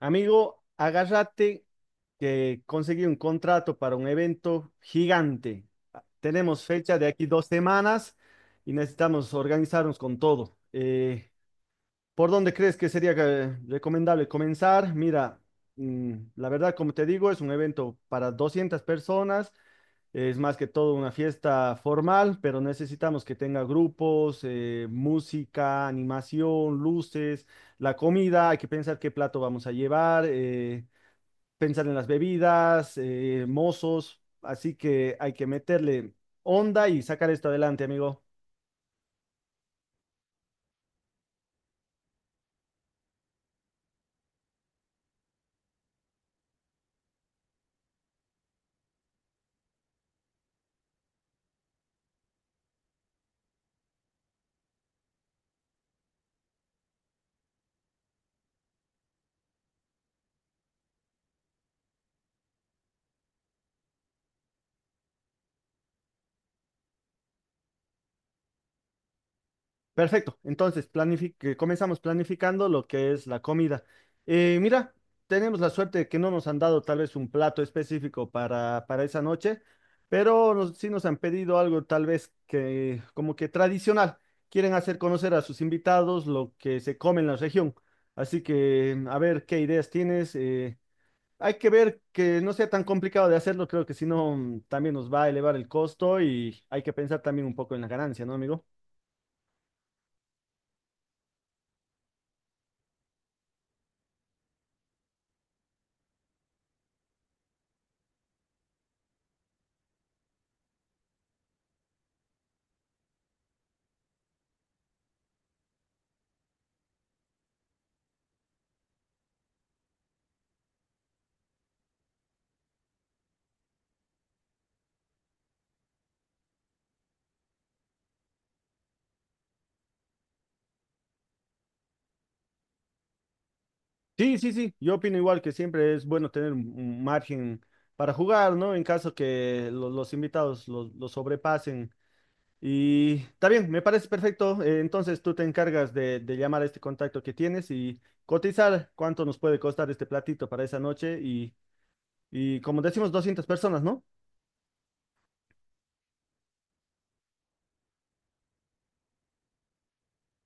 Amigo, agárrate que conseguí un contrato para un evento gigante. Tenemos fecha de aquí 2 semanas y necesitamos organizarnos con todo. ¿Por dónde crees que sería recomendable comenzar? Mira, la verdad, como te digo, es un evento para 200 personas. Es más que todo una fiesta formal, pero necesitamos que tenga grupos, música, animación, luces, la comida. Hay que pensar qué plato vamos a llevar, pensar en las bebidas, mozos. Así que hay que meterle onda y sacar esto adelante, amigo. Perfecto, entonces que comenzamos planificando lo que es la comida. Mira, tenemos la suerte de que no nos han dado tal vez un plato específico para esa noche, pero sí nos han pedido algo tal vez que como que tradicional. Quieren hacer conocer a sus invitados lo que se come en la región. Así que a ver qué ideas tienes. Hay que ver que no sea tan complicado de hacerlo, creo que si no también nos va a elevar el costo y hay que pensar también un poco en la ganancia, ¿no, amigo? Sí, sí, sí, yo opino igual que siempre es bueno tener un margen para jugar, ¿no? En caso que los invitados lo sobrepasen. Y está bien, me parece perfecto. Entonces tú te encargas de llamar a este contacto que tienes y cotizar cuánto nos puede costar este platito para esa noche y como decimos, 200 personas, ¿no?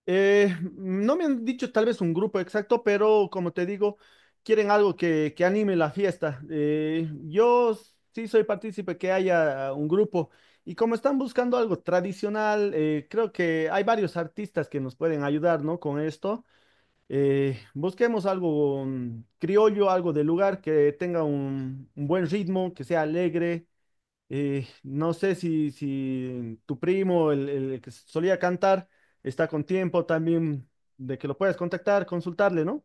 Eh, no me han dicho tal vez un grupo exacto, pero como te digo, quieren algo que anime la fiesta. Yo sí soy partícipe que haya un grupo y como están buscando algo tradicional, creo que hay varios artistas que nos pueden ayudar, ¿no? Con esto. Busquemos algo criollo, algo de lugar que tenga un buen ritmo, que sea alegre. No sé si tu primo, el que solía cantar, está con tiempo también de que lo puedas contactar, consultarle, ¿no?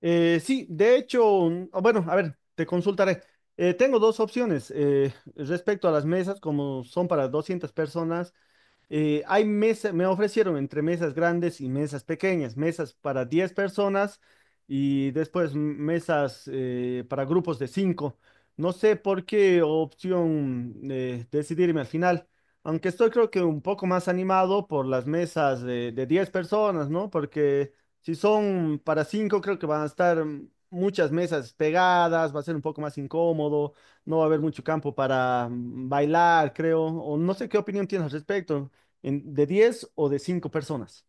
Sí, de hecho, o bueno, a ver, te consultaré. Tengo dos opciones respecto a las mesas, como son para 200 personas. Hay mesas, me ofrecieron entre mesas grandes y mesas pequeñas, mesas para 10 personas y después mesas para grupos de 5. No sé por qué opción decidirme al final, aunque estoy creo que un poco más animado por las mesas de 10 personas, ¿no? Porque si son para 5 creo que van a estar muchas mesas pegadas, va a ser un poco más incómodo, no va a haber mucho campo para bailar, creo, o no sé qué opinión tienes al respecto de 10 o de 5 personas.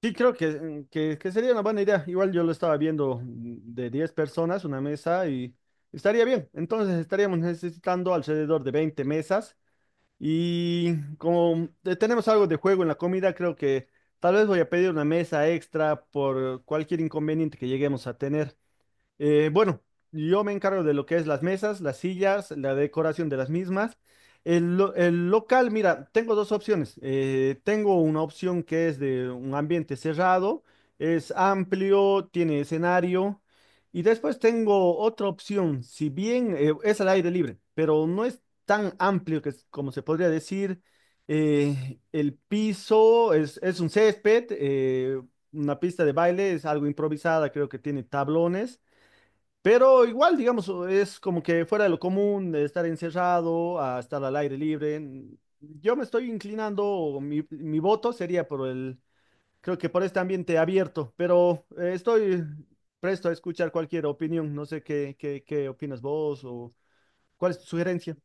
Sí, creo que sería una buena idea. Igual yo lo estaba viendo de 10 personas, una mesa y estaría bien. Entonces estaríamos necesitando alrededor de 20 mesas y como tenemos algo de juego en la comida, creo que tal vez voy a pedir una mesa extra por cualquier inconveniente que lleguemos a tener. Bueno, yo me encargo de lo que es las mesas, las sillas, la decoración de las mismas. El local, mira, tengo dos opciones. Tengo una opción que es de un ambiente cerrado, es amplio, tiene escenario. Y después tengo otra opción, si bien es al aire libre, pero no es tan amplio como se podría decir. El piso es un césped, una pista de baile, es algo improvisada, creo que tiene tablones. Pero igual, digamos, es como que fuera de lo común de estar encerrado a estar al aire libre. Yo me estoy inclinando, o mi voto sería por creo que por este ambiente abierto, pero estoy presto a escuchar cualquier opinión. No sé qué opinas vos o cuál es tu sugerencia.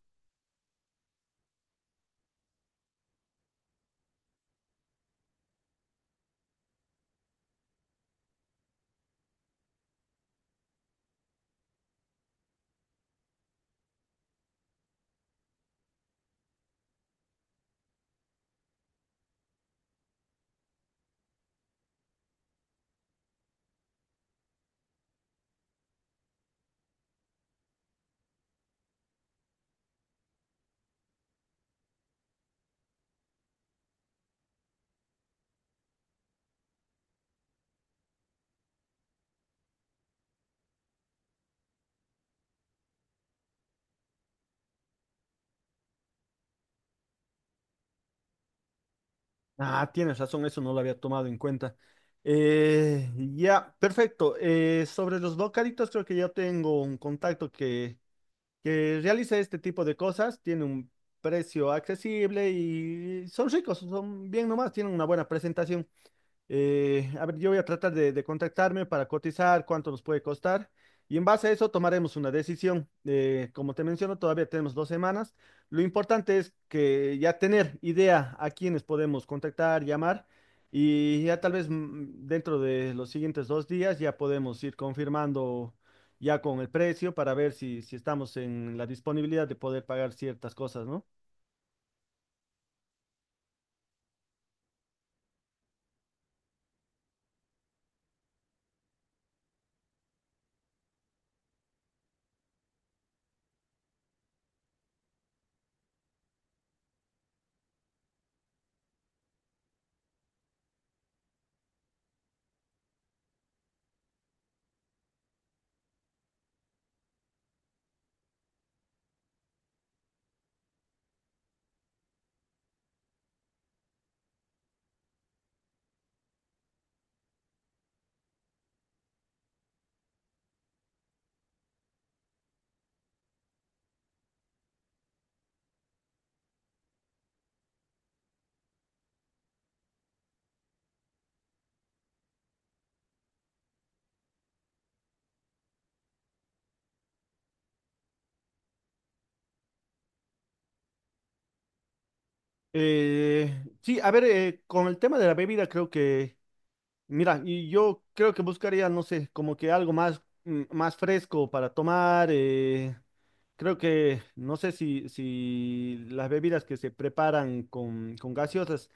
Ah, tienes razón, eso no lo había tomado en cuenta. Ya, perfecto. Sobre los bocaditos, creo que ya tengo un contacto que realice este tipo de cosas, tiene un precio accesible y son ricos, son bien nomás, tienen una buena presentación. A ver, yo voy a tratar de contactarme para cotizar cuánto nos puede costar y en base a eso tomaremos una decisión. Como te menciono, todavía tenemos 2 semanas. Lo importante es que ya tener idea a quiénes podemos contactar, llamar y ya tal vez dentro de los siguientes 2 días ya podemos ir confirmando ya con el precio para ver si estamos en la disponibilidad de poder pagar ciertas cosas, ¿no? Sí, a ver, con el tema de la bebida creo que. Mira, y yo creo que buscaría, no sé, como que algo más, más fresco para tomar. Creo que, no sé si las bebidas que se preparan con gaseosas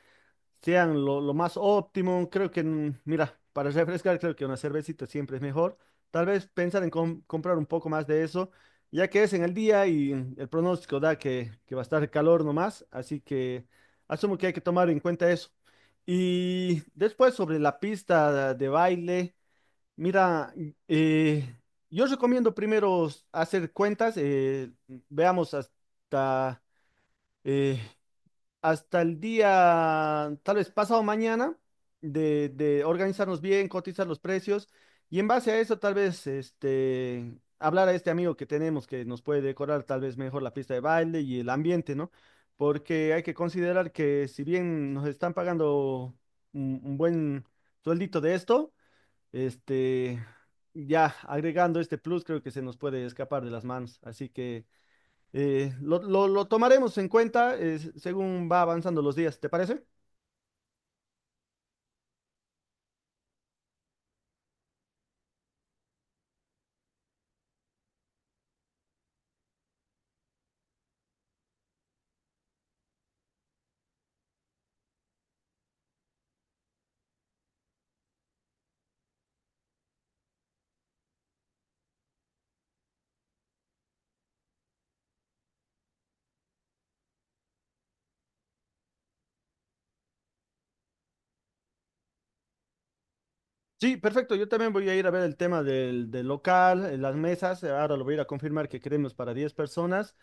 sean lo más óptimo. Creo que, mira, para refrescar, creo que una cervecita siempre es mejor. Tal vez pensar en comprar un poco más de eso, ya que es en el día y el pronóstico da que va a estar calor nomás, así que asumo que hay que tomar en cuenta eso. Y después sobre la pista de baile, mira, eh, yo recomiendo primero hacer cuentas, veamos eh, hasta el día, tal vez pasado mañana, de organizarnos bien, cotizar los precios y en base a eso tal vez hablar a este amigo que tenemos que nos puede decorar tal vez mejor la pista de baile y el ambiente, ¿no? Porque hay que considerar que si bien nos están pagando un buen sueldito de esto, este, ya agregando este plus creo que se nos puede escapar de las manos. Así que. Lo tomaremos en cuenta según va avanzando los días, ¿te parece? Sí, perfecto. Yo también voy a ir a ver el tema del local, las mesas. Ahora lo voy a ir a confirmar que queremos para 10 personas.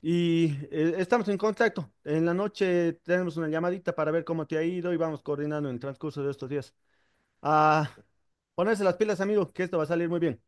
Y estamos en contacto. En la noche tenemos una llamadita para ver cómo te ha ido y vamos coordinando en el transcurso de estos días. Ah, ponerse las pilas, amigo, que esto va a salir muy bien.